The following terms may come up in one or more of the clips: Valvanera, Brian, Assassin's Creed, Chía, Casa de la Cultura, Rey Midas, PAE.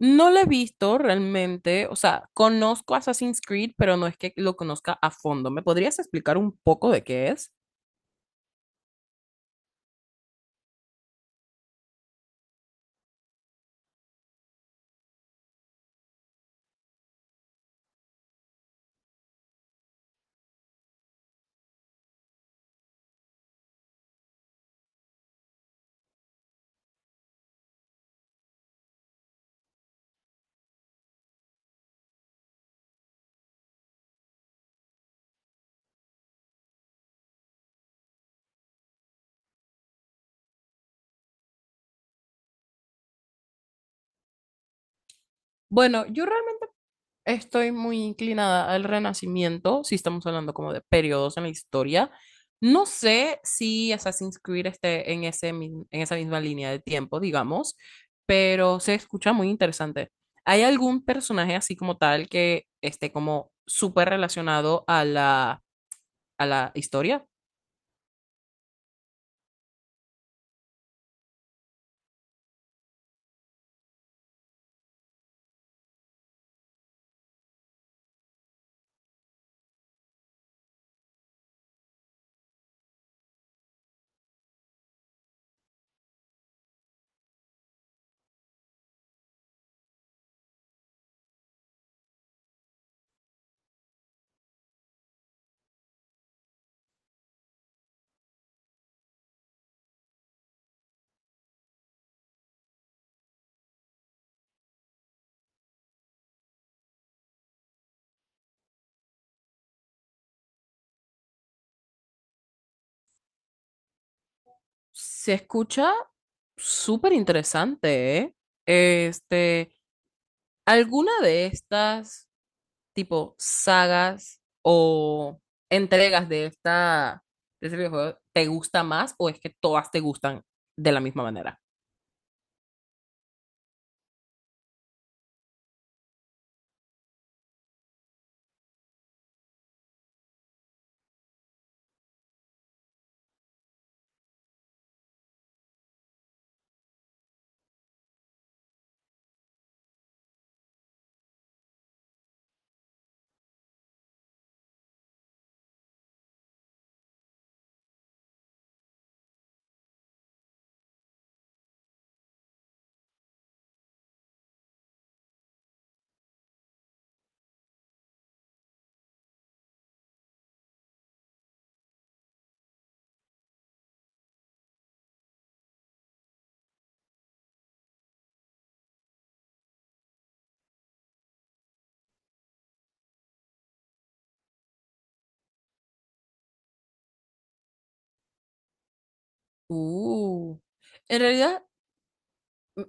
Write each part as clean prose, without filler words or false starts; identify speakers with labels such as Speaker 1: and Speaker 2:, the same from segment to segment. Speaker 1: No lo he visto realmente, o sea, conozco Assassin's Creed, pero no es que lo conozca a fondo. ¿Me podrías explicar un poco de qué es? Bueno, yo realmente estoy muy inclinada al Renacimiento, si estamos hablando como de periodos en la historia. No sé si Assassin's Creed esté en esa misma línea de tiempo, digamos, pero se escucha muy interesante. ¿Hay algún personaje así como tal que esté como súper relacionado a a la historia? Se escucha súper interesante, ¿eh? Este, ¿Alguna de estas tipo sagas o entregas de esta de este videojuego te gusta más o es que todas te gustan de la misma manera? Uh, en realidad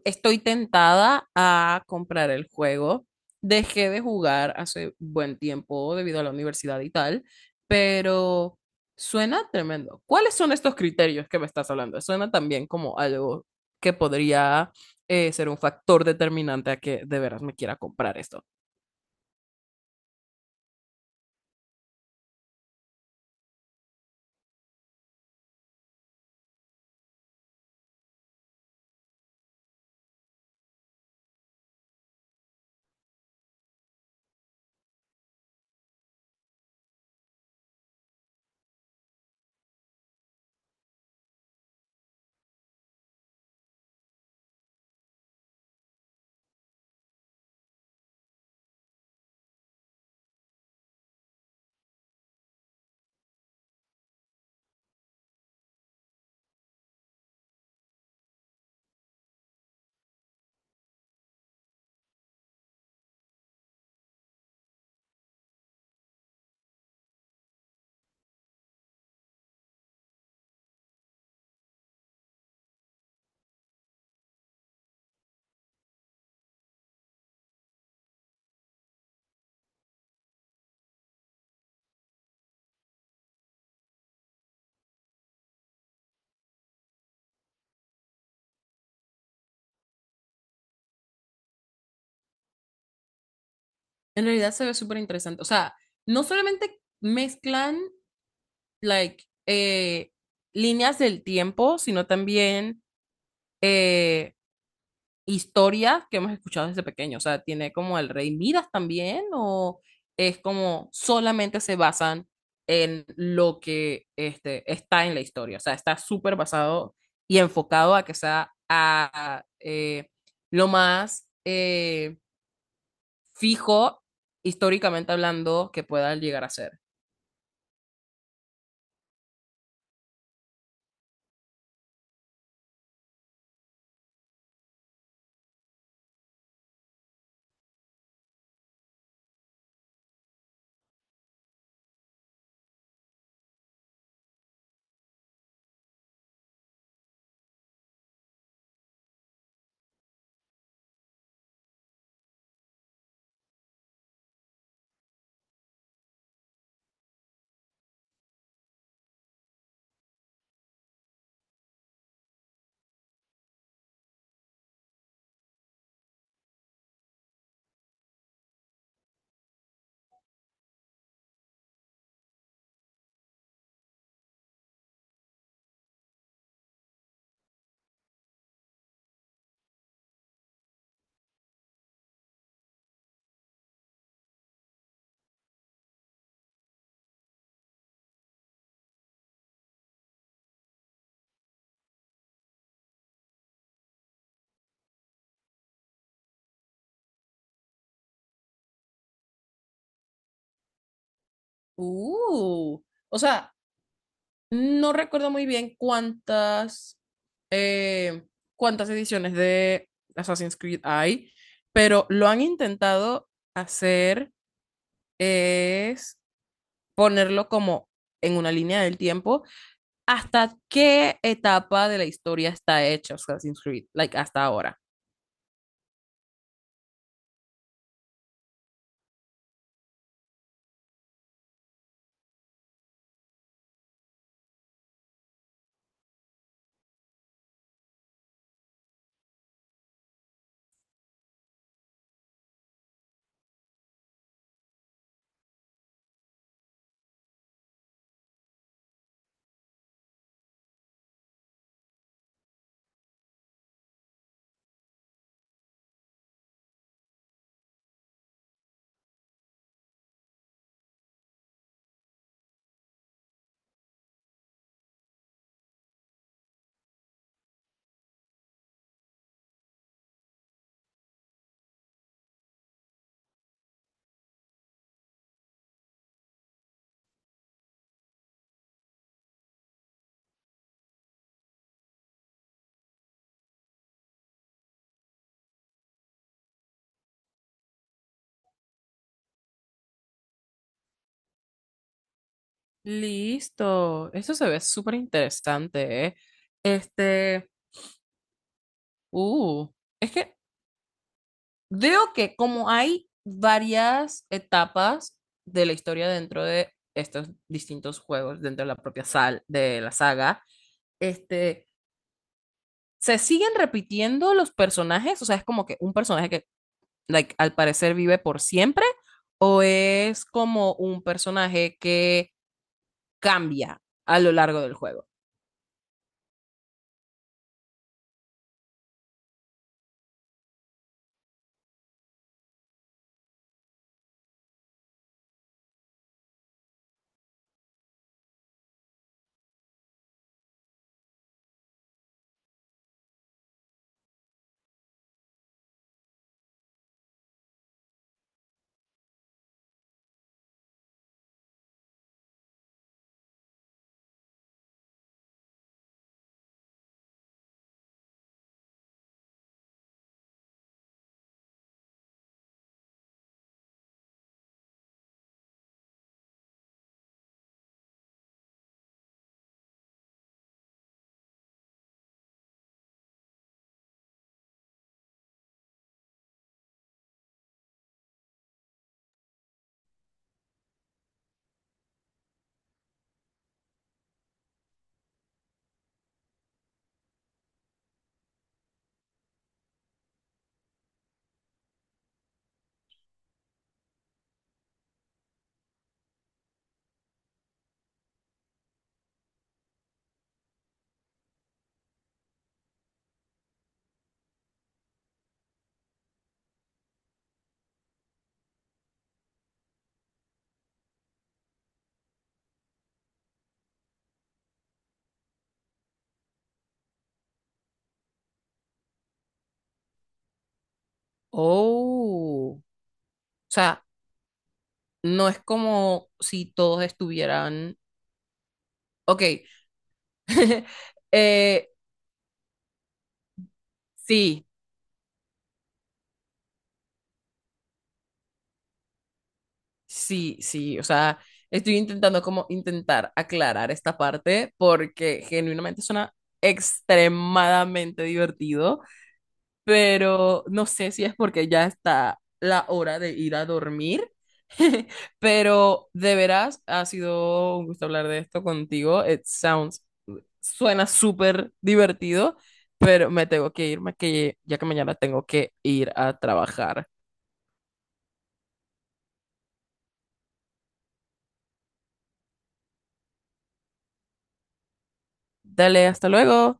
Speaker 1: estoy tentada a comprar el juego. Dejé de jugar hace buen tiempo debido a la universidad y tal, pero suena tremendo. ¿Cuáles son estos criterios que me estás hablando? Suena también como algo que podría ser un factor determinante a que de veras me quiera comprar esto. En realidad se ve súper interesante. O sea, no solamente mezclan like, eh, líneas del tiempo, sino también eh, historias que hemos escuchado desde pequeño. O sea, tiene como el Rey Midas también, o es como solamente se basan en lo que está en la historia. O sea, está súper basado y enfocado a que sea a, eh, lo más fijo históricamente hablando que pueda llegar a ser. Uh, o sea, no recuerdo muy bien eh, cuántas ediciones de Assassin's Creed hay, pero lo han intentado hacer es ponerlo como en una línea del tiempo hasta qué etapa de la historia está hecha Assassin's Creed, like hasta ahora. Listo, eso se ve súper interesante, ¿eh? Este, uh, es que veo que como hay varias etapas de la historia dentro de estos distintos juegos, dentro de la propia sal de la saga, este, se siguen repitiendo los personajes, o sea, es como que un personaje que like, al parecer vive por siempre o es como un personaje que cambia a lo largo del juego. Oh, o sea, no es como si todos estuvieran, ok, eh, sí, sí, sí, o sea, estoy intentando como intentar aclarar esta parte porque genuinamente suena extremadamente divertido, pero no sé si es porque ya está la hora de ir a dormir, pero de veras ha sido un gusto hablar de esto contigo. Suena súper divertido, pero me tengo que irme que ya que mañana tengo que ir a trabajar. Dale, hasta luego.